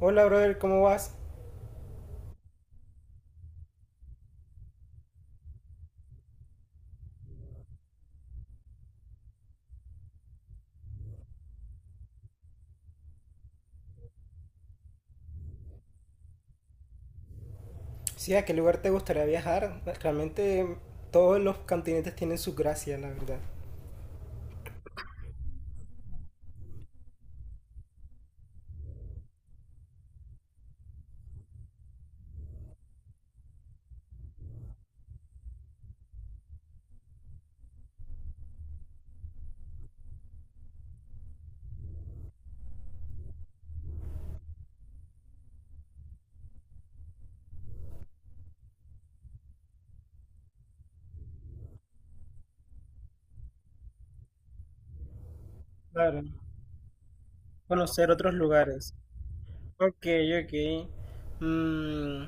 Hola, brother, ¿cómo vas? Sí, ¿a qué lugar te gustaría viajar? Realmente todos los continentes tienen su gracia, la verdad. Claro, conocer otros lugares. Ok, ok. Mm,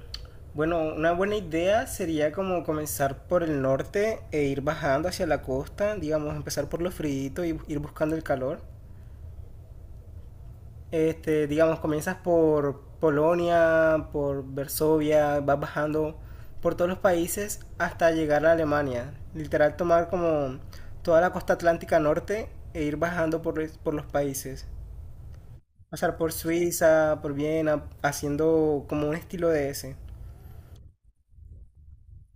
bueno, una buena idea sería como comenzar por el norte e ir bajando hacia la costa, digamos, empezar por lo frío y ir buscando el calor. Este, digamos, comienzas por Polonia, por Varsovia, vas bajando por todos los países hasta llegar a Alemania. Literal tomar como toda la costa atlántica norte e ir bajando por los países. Pasar por Suiza, por Viena, haciendo como un estilo de ese.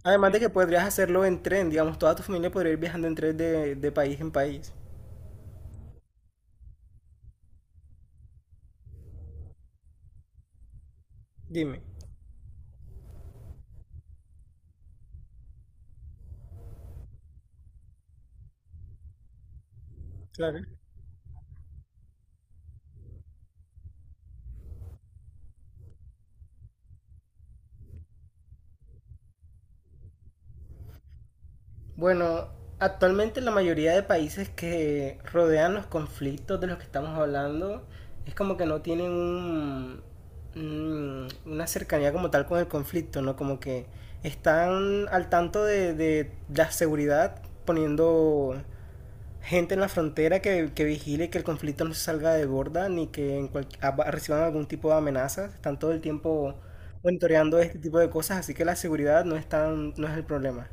Además de que podrías hacerlo en tren, digamos, toda tu familia podría ir viajando en tren de país en país. Dime, claro. Bueno, actualmente la mayoría de países que rodean los conflictos de los que estamos hablando es como que no tienen una cercanía como tal con el conflicto, ¿no? Como que están al tanto de la seguridad poniendo gente en la frontera que vigile que el conflicto no se salga de borda ni que en reciban algún tipo de amenazas. Están todo el tiempo monitoreando este tipo de cosas, así que la seguridad no es el problema.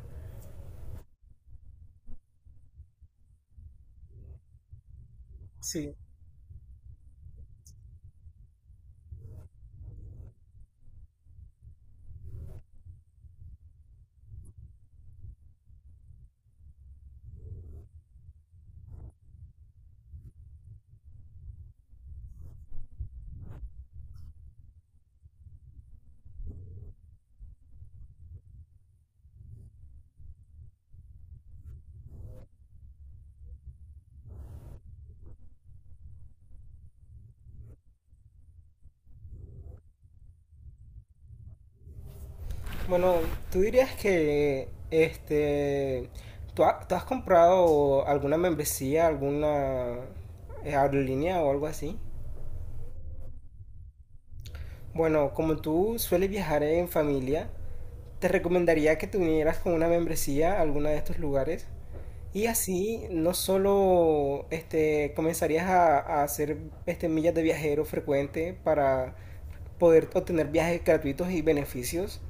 Sí. Bueno, ¿tú dirías que tú has comprado alguna membresía, alguna aerolínea o algo así? Bueno, como tú sueles viajar en familia, te recomendaría que te unieras con una membresía a alguno de estos lugares y así no solo comenzarías a hacer este millas de viajero frecuente para poder obtener viajes gratuitos y beneficios,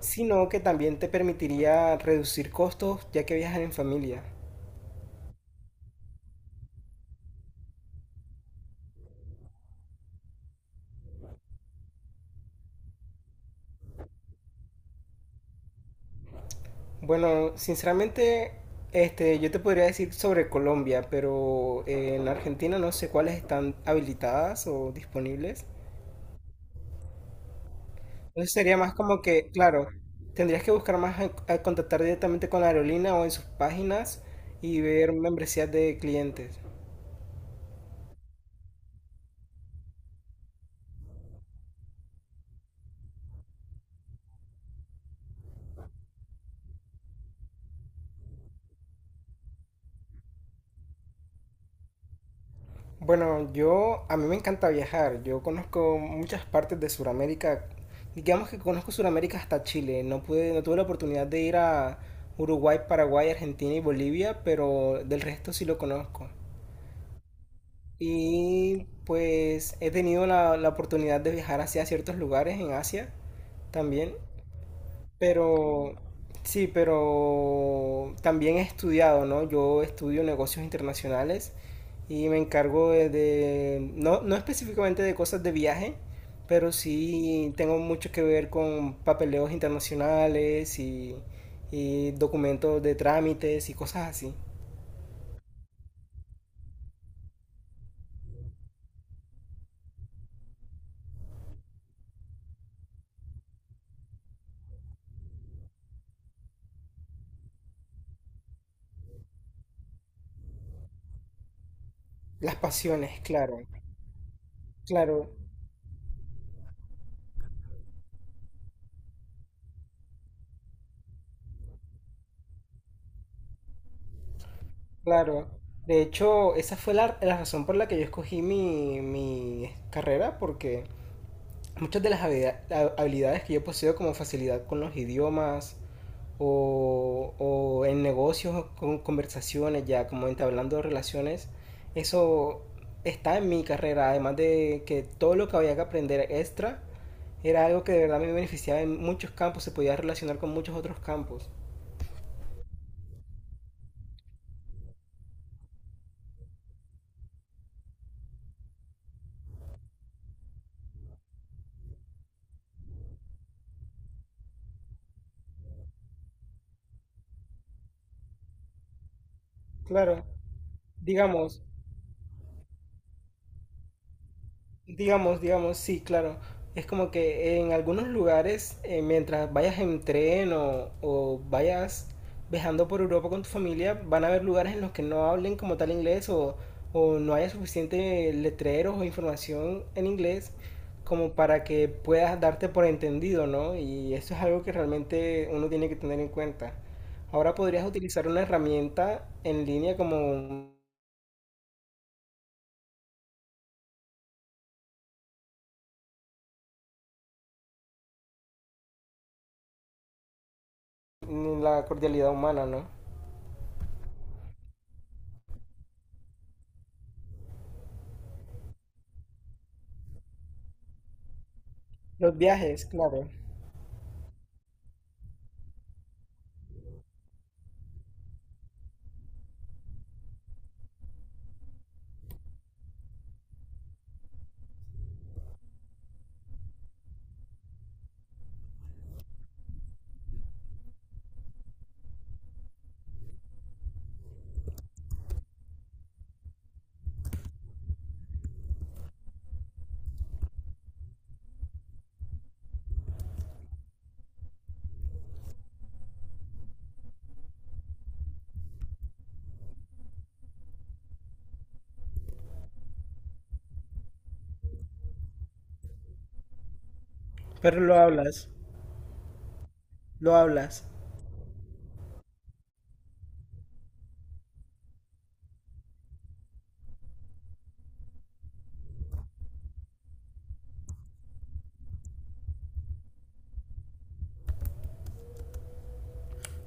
sino que también te permitiría reducir costos ya que viajan en familia. Bueno, sinceramente, este, yo te podría decir sobre Colombia, pero en Argentina no sé cuáles están habilitadas o disponibles. Entonces sería más como que, claro, tendrías que buscar más, a contactar directamente con la aerolínea o en sus páginas y ver membresías de clientes. Bueno, yo, a mí me encanta viajar. Yo conozco muchas partes de Sudamérica. Digamos que conozco Sudamérica hasta Chile. No pude, no tuve la oportunidad de ir a Uruguay, Paraguay, Argentina y Bolivia, pero del resto sí lo conozco. Y pues he tenido la, la oportunidad de viajar hacia ciertos lugares en Asia también. Pero sí, pero también he estudiado, ¿no? Yo estudio negocios internacionales y me encargo no, no específicamente de cosas de viaje, pero sí tengo mucho que ver con papeleos internacionales y documentos de trámites y cosas así. Las pasiones, claro, claro, claro. De hecho, esa fue la, la razón por la que yo escogí mi, mi carrera, porque muchas de las habilidades que yo poseo como facilidad con los idiomas o en negocios, con conversaciones, ya como entablando relaciones, eso está en mi carrera, además de que todo lo que había que aprender extra era algo que de verdad me beneficiaba en muchos campos, se podía relacionar con muchos otros campos. Claro, digamos, digamos, digamos, sí, claro. Es como que en algunos lugares, mientras vayas en tren o vayas viajando por Europa con tu familia, van a haber lugares en los que no hablen como tal inglés o no haya suficiente letreros o información en inglés como para que puedas darte por entendido, ¿no? Y eso es algo que realmente uno tiene que tener en cuenta. Ahora podrías utilizar una herramienta en línea como la cordialidad humana, ¿no? Los viajes, claro. Pero lo hablas, lo hablas.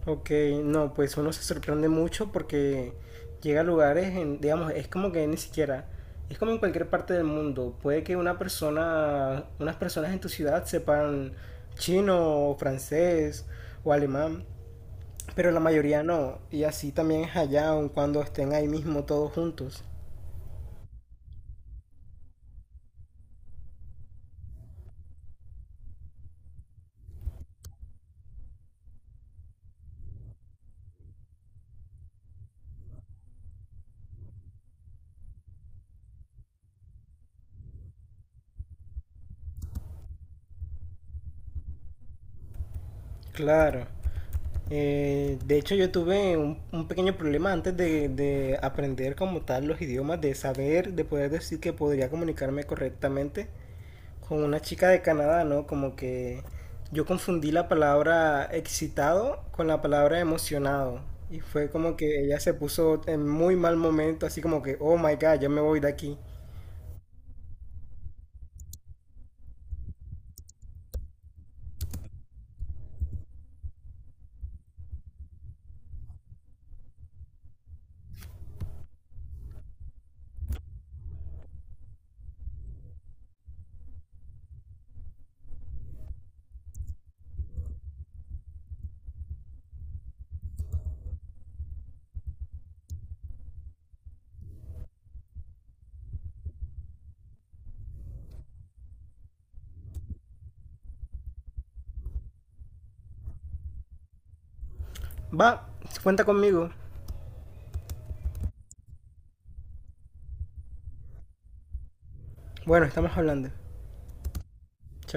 Ok, no, pues uno se sorprende mucho porque llega a lugares, digamos, es como que ni siquiera, es como en cualquier parte del mundo. Puede que una persona, unas personas en tu ciudad sepan chino, o francés o alemán, pero la mayoría no. Y así también es allá, aun cuando estén ahí mismo todos juntos. Claro. De hecho, yo tuve un pequeño problema antes de aprender como tal los idiomas, de saber, de poder decir que podría comunicarme correctamente con una chica de Canadá, ¿no? Como que yo confundí la palabra excitado con la palabra emocionado. Y fue como que ella se puso en muy mal momento, así como que, oh my god, ya me voy de aquí. Va, cuenta conmigo. Bueno, estamos hablando. Chao.